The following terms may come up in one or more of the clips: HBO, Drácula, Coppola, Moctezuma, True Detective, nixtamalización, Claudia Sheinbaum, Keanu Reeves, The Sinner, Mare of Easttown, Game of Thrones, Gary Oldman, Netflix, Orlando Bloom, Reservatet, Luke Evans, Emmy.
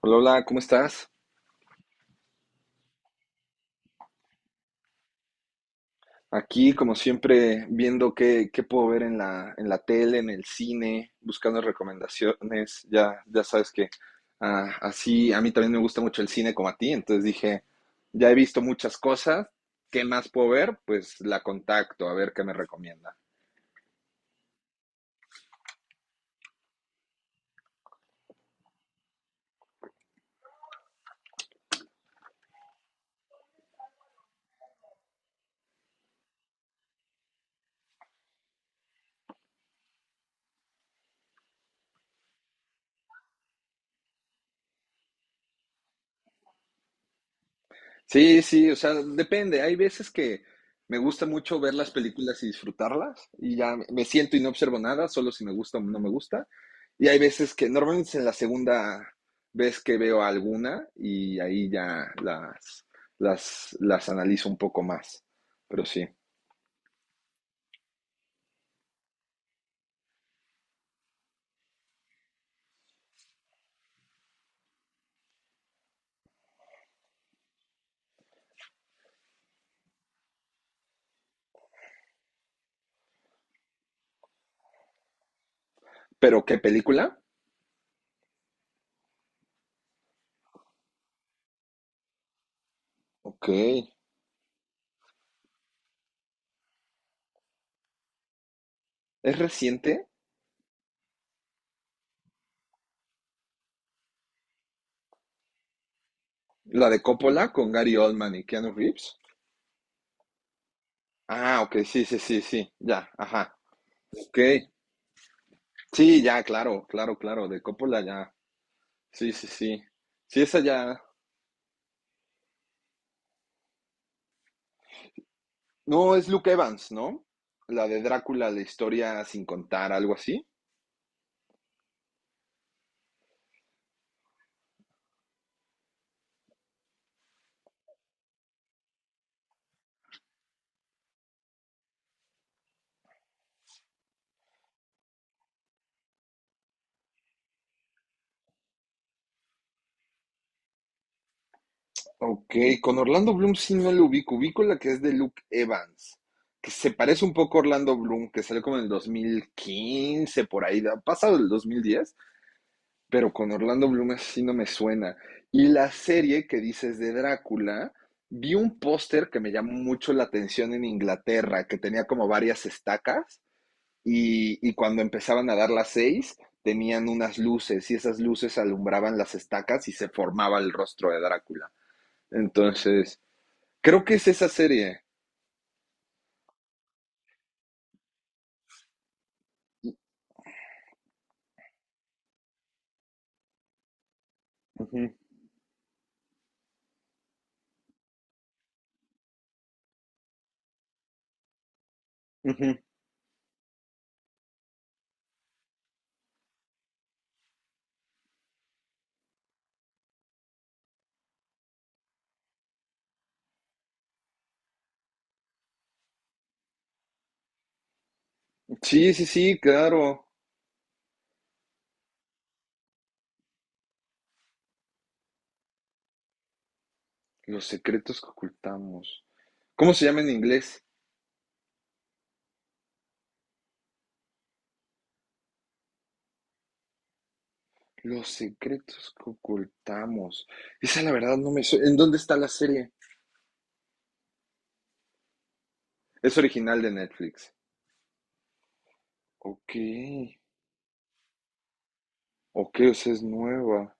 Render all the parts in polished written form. Hola, hola, ¿cómo estás? Aquí, como siempre, viendo qué puedo ver en la tele, en el cine, buscando recomendaciones. Ya, ya sabes que ah, así a mí también me gusta mucho el cine como a ti. Entonces dije, ya he visto muchas cosas, ¿qué más puedo ver? Pues la contacto, a ver qué me recomienda. Sí, sí, o sea, depende. Hay veces que me gusta mucho ver las películas y disfrutarlas y ya me siento y no observo nada, solo si me gusta o no me gusta. Y hay veces que normalmente es en la segunda vez que veo alguna y ahí ya las analizo un poco más. Pero sí. ¿Pero qué película? Ok. ¿Es reciente? ¿La de Coppola con Gary Oldman y Keanu Reeves? Ah, ok, sí, sí, sí, sí. Ya, ajá. Ok. Sí, ya, claro, claro, claro, de Coppola ya. Sí, sí, sí. Sí, esa ya. No, es Luke Evans, ¿no? La de Drácula, la historia sin contar, algo así. Ok, con Orlando Bloom sí no lo ubico. Ubico la que es de Luke Evans, que se parece un poco a Orlando Bloom, que salió como en el 2015 por ahí, pasado el 2010. Pero con Orlando Bloom así no me suena. Y la serie que dices de Drácula, vi un póster que me llamó mucho la atención en Inglaterra, que tenía como varias estacas y cuando empezaban a dar las seis tenían unas luces y esas luces alumbraban las estacas y se formaba el rostro de Drácula. Entonces, creo que es esa serie. Ujú, ujú. Sí, sí, sí, claro. Los secretos que ocultamos. ¿Cómo se llama en inglés? Los secretos que ocultamos. Esa la verdad no me... ¿En dónde está la serie? Es original de Netflix. Ok. Ok, o sea, es nueva.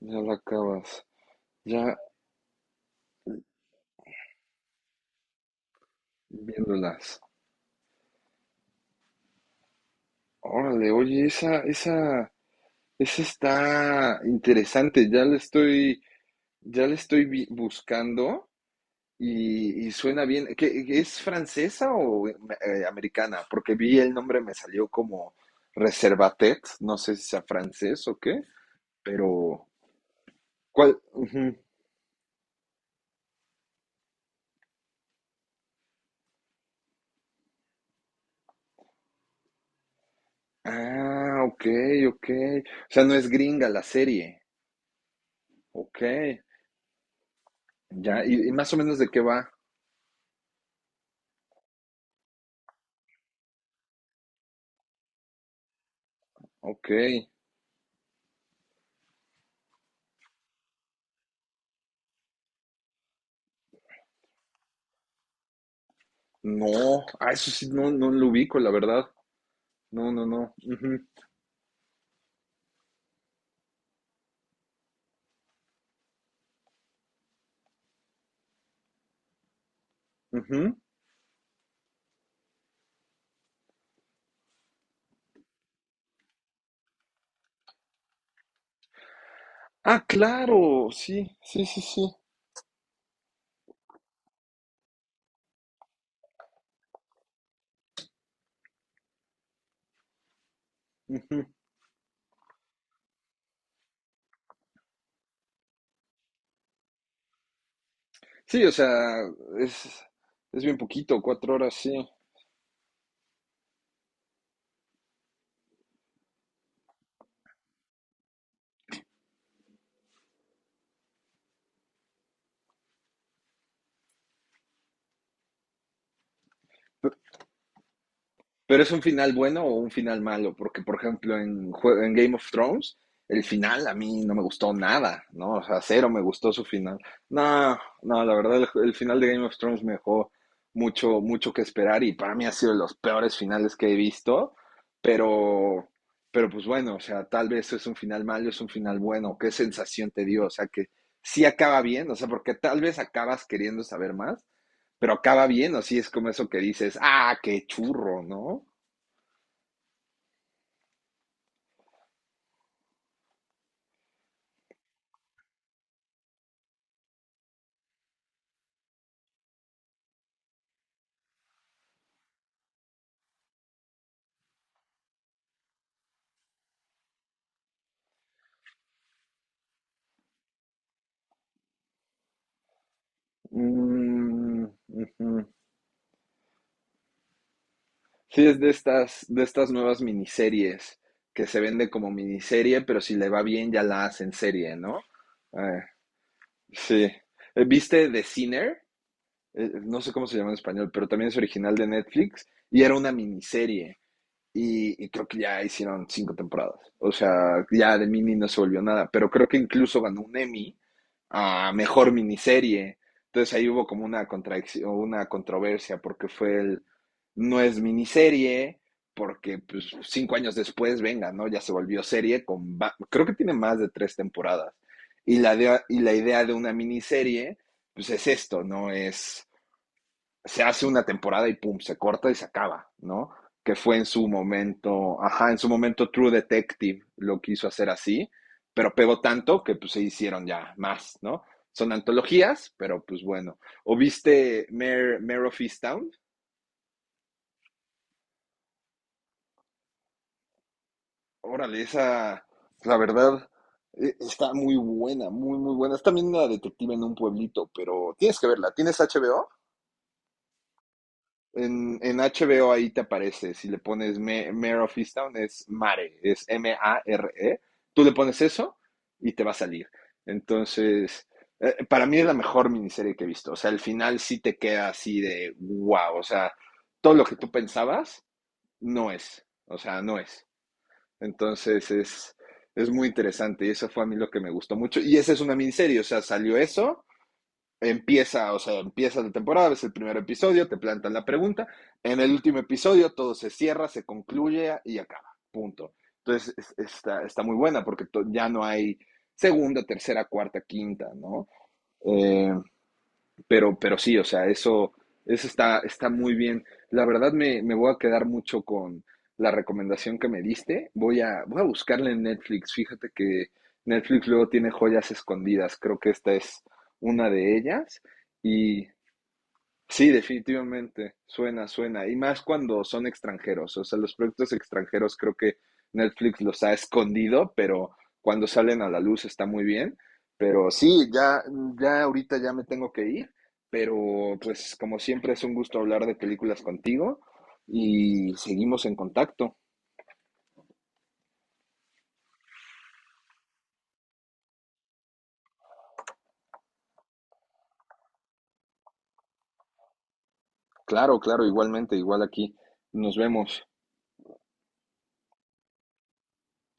Ya la acabas. Ya viéndolas. Órale, oye, esa, esa está interesante. Ya la estoy buscando y suena bien. ¿Qué, es francesa o americana? Porque vi el nombre, me salió como Reservatet. No sé si sea francés o qué. Pero, ¿cuál? Ujú. Ah, ok, ok. O sea, no es gringa la serie. Ok, ya. ¿Y más o menos de qué va? Ok. No, ah, eso sí, no, no lo ubico, la verdad. No, no, no. Ujú, ujú. Ah, claro, sí, sí, sí, sí. Ujú. Sí, o sea, es, es bien poquito, 4 horas, sí. Pero es un final bueno o un final malo, porque por ejemplo en Game of Thrones, el final a mí no me gustó nada, ¿no? O sea, cero me gustó su final. No, no, la verdad el final de Game of Thrones me dejó mucho, mucho que esperar y para mí ha sido de los peores finales que he visto, pero, pero pues bueno, o sea, tal vez es un final malo, es un final bueno, ¿qué sensación te dio? O sea, que sí acaba bien, o sea, porque tal vez acabas queriendo saber más, pero acaba bien, o sí es como eso que dices, ah, qué churro, ¿no? Mm, ujú. Sí, es de estas nuevas miniseries que se vende como miniserie, pero si le va bien ya la hacen serie, ¿no? Eh, sí. ¿Viste The Sinner? No sé cómo se llama en español, pero también es original de Netflix y era una miniserie. Y creo que ya hicieron cinco temporadas. O sea, ya de mini no se volvió nada. Pero creo que incluso ganó un Emmy a mejor miniserie. Entonces ahí hubo como una contradicción, una controversia, porque fue el no es miniserie, porque pues, 5 años después, venga, ¿no? Ya se volvió serie creo que tiene más de tres temporadas. Y la idea de una miniserie, pues es esto, ¿no? Es Se hace una temporada y pum, se corta y se acaba, ¿no? Que fue en su momento, ajá, en su momento True Detective lo quiso hacer así, pero pegó tanto que pues se hicieron ya más, ¿no? Son antologías, pero pues bueno. ¿O viste Mare, Mare of Easttown? Órale, esa, la verdad, está muy buena, muy, muy buena. Es también una detective en un pueblito, pero tienes que verla. ¿Tienes HBO? En HBO ahí te aparece, si le pones Mare of Easttown es Mare, es Mare. Tú le pones eso y te va a salir. Entonces, para mí es la mejor miniserie que he visto. O sea, al final sí te queda así de wow. O sea, todo lo que tú pensabas no es. O sea, no es. Entonces es muy interesante y eso fue a mí lo que me gustó mucho. Y esa es una miniserie, o sea, salió eso empieza, o sea, empieza la temporada, es el primer episodio, te plantan la pregunta, en el último episodio todo se cierra, se concluye y acaba, punto. Entonces está muy buena porque ya no hay segunda, tercera, cuarta, quinta, ¿no? Eh, pero sí, o sea, eso está muy bien. La verdad me voy a quedar mucho con la recomendación que me diste. Voy a buscarla en Netflix. Fíjate que Netflix luego tiene joyas escondidas. Creo que esta es una de ellas. Sí, definitivamente, suena, suena. Y más cuando son extranjeros. O sea, los proyectos extranjeros creo que Netflix los ha escondido, pero cuando salen a la luz está muy bien. Pero sí, ya, ya ahorita ya me tengo que ir, pero pues como siempre es un gusto hablar de películas contigo y seguimos en contacto. Claro, claro, igualmente, igual aquí. Nos vemos.